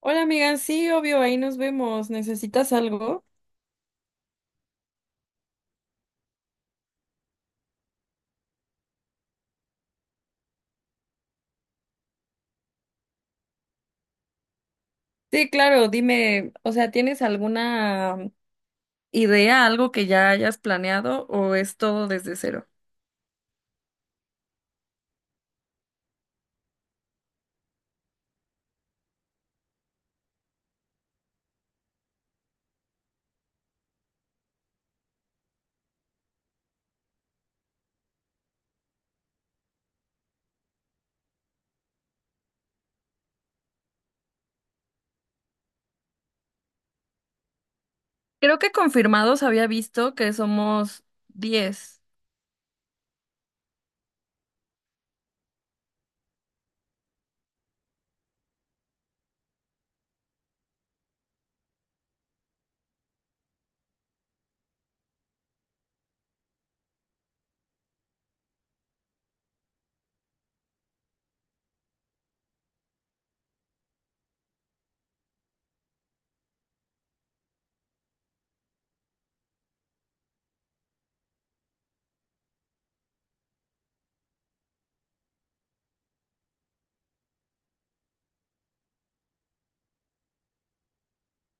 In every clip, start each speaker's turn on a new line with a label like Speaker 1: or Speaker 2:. Speaker 1: Hola amiga, sí, obvio, ahí nos vemos. ¿Necesitas algo? Sí, claro, dime, o sea, ¿tienes alguna idea, algo que ya hayas planeado o es todo desde cero? Creo que confirmados había visto que somos 10.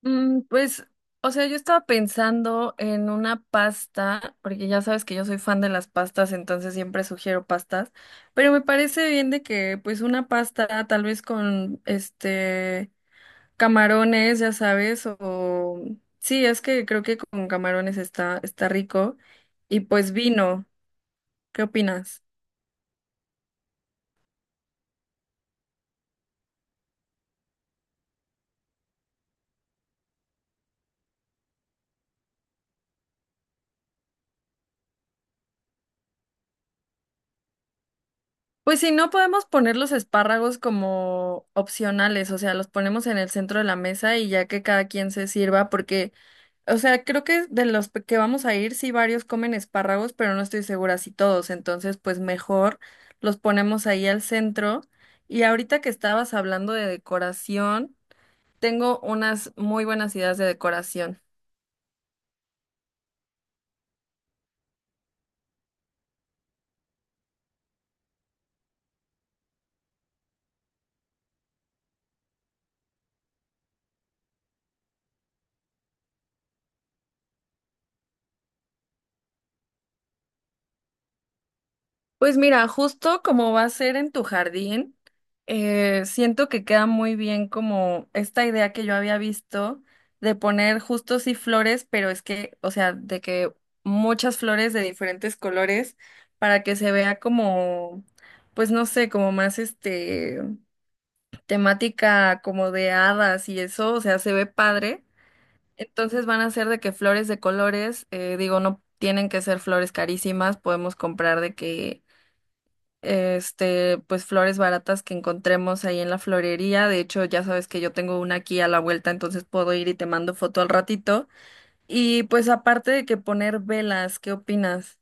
Speaker 1: Pues, o sea, yo estaba pensando en una pasta, porque ya sabes que yo soy fan de las pastas, entonces siempre sugiero pastas, pero me parece bien de que pues una pasta tal vez con este, camarones, ya sabes. O sí, es que creo que con camarones está rico. Y pues vino, ¿qué opinas? Pues si no podemos poner los espárragos como opcionales, o sea, los ponemos en el centro de la mesa y ya que cada quien se sirva, porque, o sea, creo que de los que vamos a ir, sí varios comen espárragos, pero no estoy segura si todos, entonces pues mejor los ponemos ahí al centro. Y ahorita que estabas hablando de decoración, tengo unas muy buenas ideas de decoración. Pues mira, justo como va a ser en tu jardín, siento que queda muy bien como esta idea que yo había visto de poner justo sí flores, pero es que, o sea, de que muchas flores de diferentes colores para que se vea como, pues no sé, como más este temática como de hadas y eso, o sea, se ve padre. Entonces van a ser de que flores de colores, digo, no tienen que ser flores carísimas, podemos comprar de que, este, pues flores baratas que encontremos ahí en la florería. De hecho, ya sabes que yo tengo una aquí a la vuelta, entonces puedo ir y te mando foto al ratito. Y pues aparte de que poner velas, ¿qué opinas?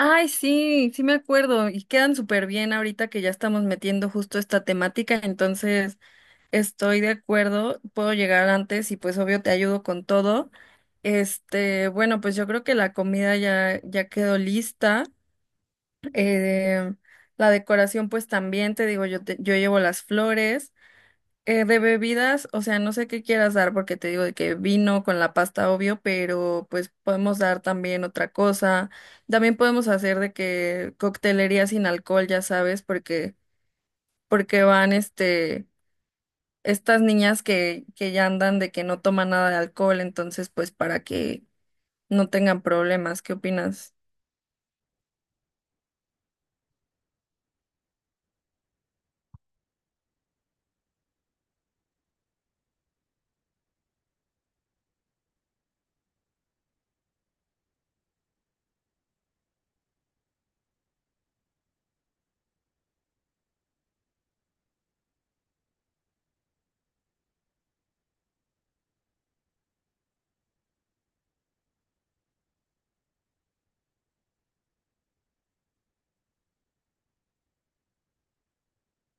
Speaker 1: Ay, sí, sí me acuerdo y quedan súper bien ahorita que ya estamos metiendo justo esta temática, entonces estoy de acuerdo, puedo llegar antes y pues obvio te ayudo con todo. Este, bueno, pues yo creo que la comida ya quedó lista. Eh, la decoración pues también, te digo, yo llevo las flores. De bebidas, o sea, no sé qué quieras dar porque te digo de que vino con la pasta, obvio, pero pues podemos dar también otra cosa. También podemos hacer de que coctelería sin alcohol, ya sabes, porque van este estas niñas, que ya andan de que no toman nada de alcohol, entonces pues para que no tengan problemas, ¿qué opinas?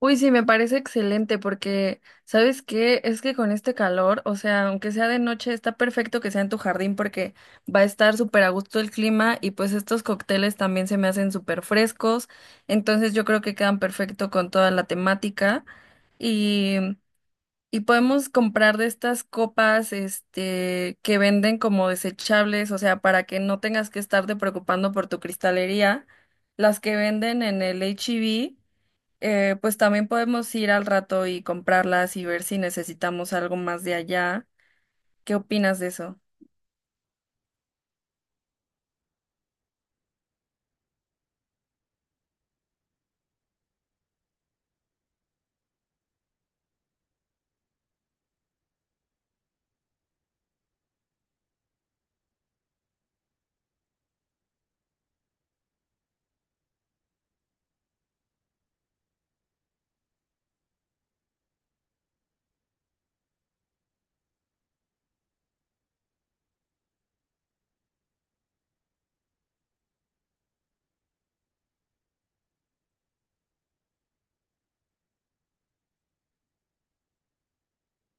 Speaker 1: Uy, sí, me parece excelente porque, ¿sabes qué? Es que con este calor, o sea, aunque sea de noche, está perfecto que sea en tu jardín porque va a estar súper a gusto el clima y pues estos cócteles también se me hacen súper frescos, entonces yo creo que quedan perfecto con toda la temática. y Y podemos comprar de estas copas, este, que venden como desechables, o sea, para que no tengas que estarte preocupando por tu cristalería. Las que venden en el HEB, pues también podemos ir al rato y comprarlas y ver si necesitamos algo más de allá. ¿Qué opinas de eso?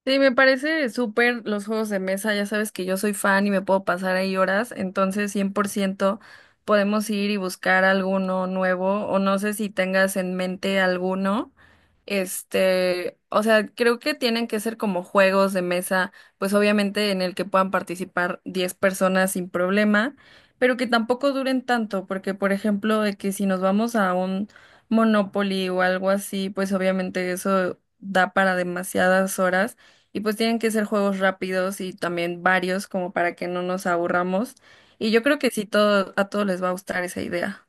Speaker 1: Sí, me parece súper los juegos de mesa, ya sabes que yo soy fan y me puedo pasar ahí horas, entonces 100% podemos ir y buscar alguno nuevo o no sé si tengas en mente alguno. Este, o sea, creo que tienen que ser como juegos de mesa, pues obviamente en el que puedan participar 10 personas sin problema, pero que tampoco duren tanto, porque por ejemplo, de que si nos vamos a un Monopoly o algo así, pues obviamente eso da para demasiadas horas y pues tienen que ser juegos rápidos y también varios como para que no nos aburramos. Y yo creo que sí todo, a todos les va a gustar esa idea.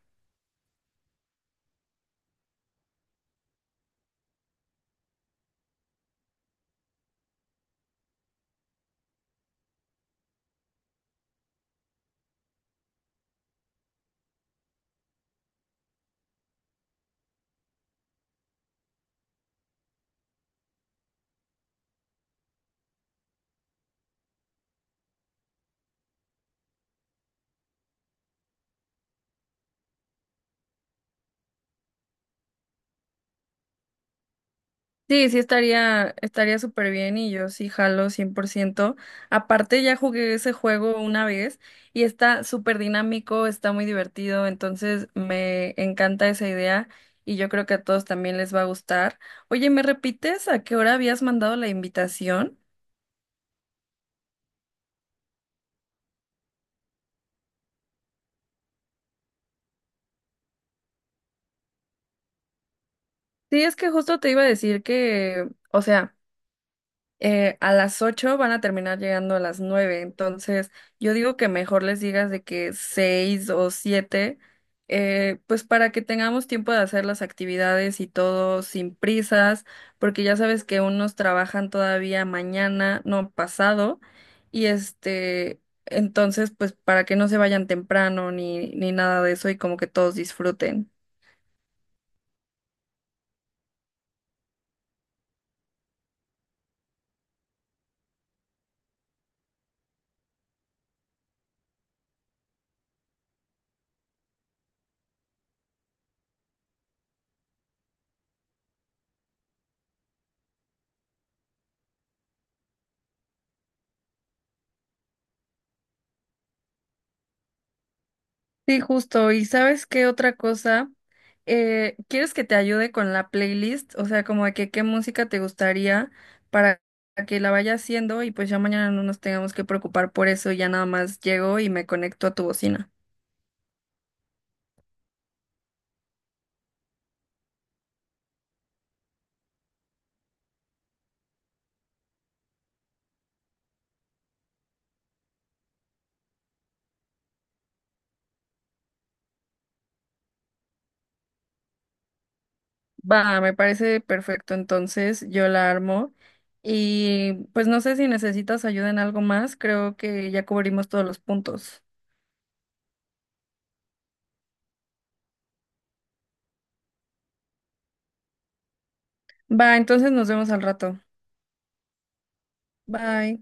Speaker 1: Sí, sí estaría súper bien y yo sí jalo 100%. Aparte ya jugué ese juego una vez y está súper dinámico, está muy divertido, entonces me encanta esa idea y yo creo que a todos también les va a gustar. Oye, ¿me repites a qué hora habías mandado la invitación? Sí, es que justo te iba a decir que, o sea, a las 8 van a terminar llegando a las 9, entonces yo digo que mejor les digas de que 6 o 7, pues para que tengamos tiempo de hacer las actividades y todo sin prisas, porque ya sabes que unos trabajan todavía mañana, no pasado, y este, entonces pues para que no se vayan temprano ni nada de eso y como que todos disfruten. Sí, justo. ¿Y sabes qué otra cosa? ¿Quieres que te ayude con la playlist? O sea, como de que qué música te gustaría para que la vaya haciendo y pues ya mañana no nos tengamos que preocupar por eso. Ya nada más llego y me conecto a tu bocina. Va, me parece perfecto. Entonces yo la armo y pues no sé si necesitas ayuda en algo más. Creo que ya cubrimos todos los puntos. Va, entonces nos vemos al rato. Bye.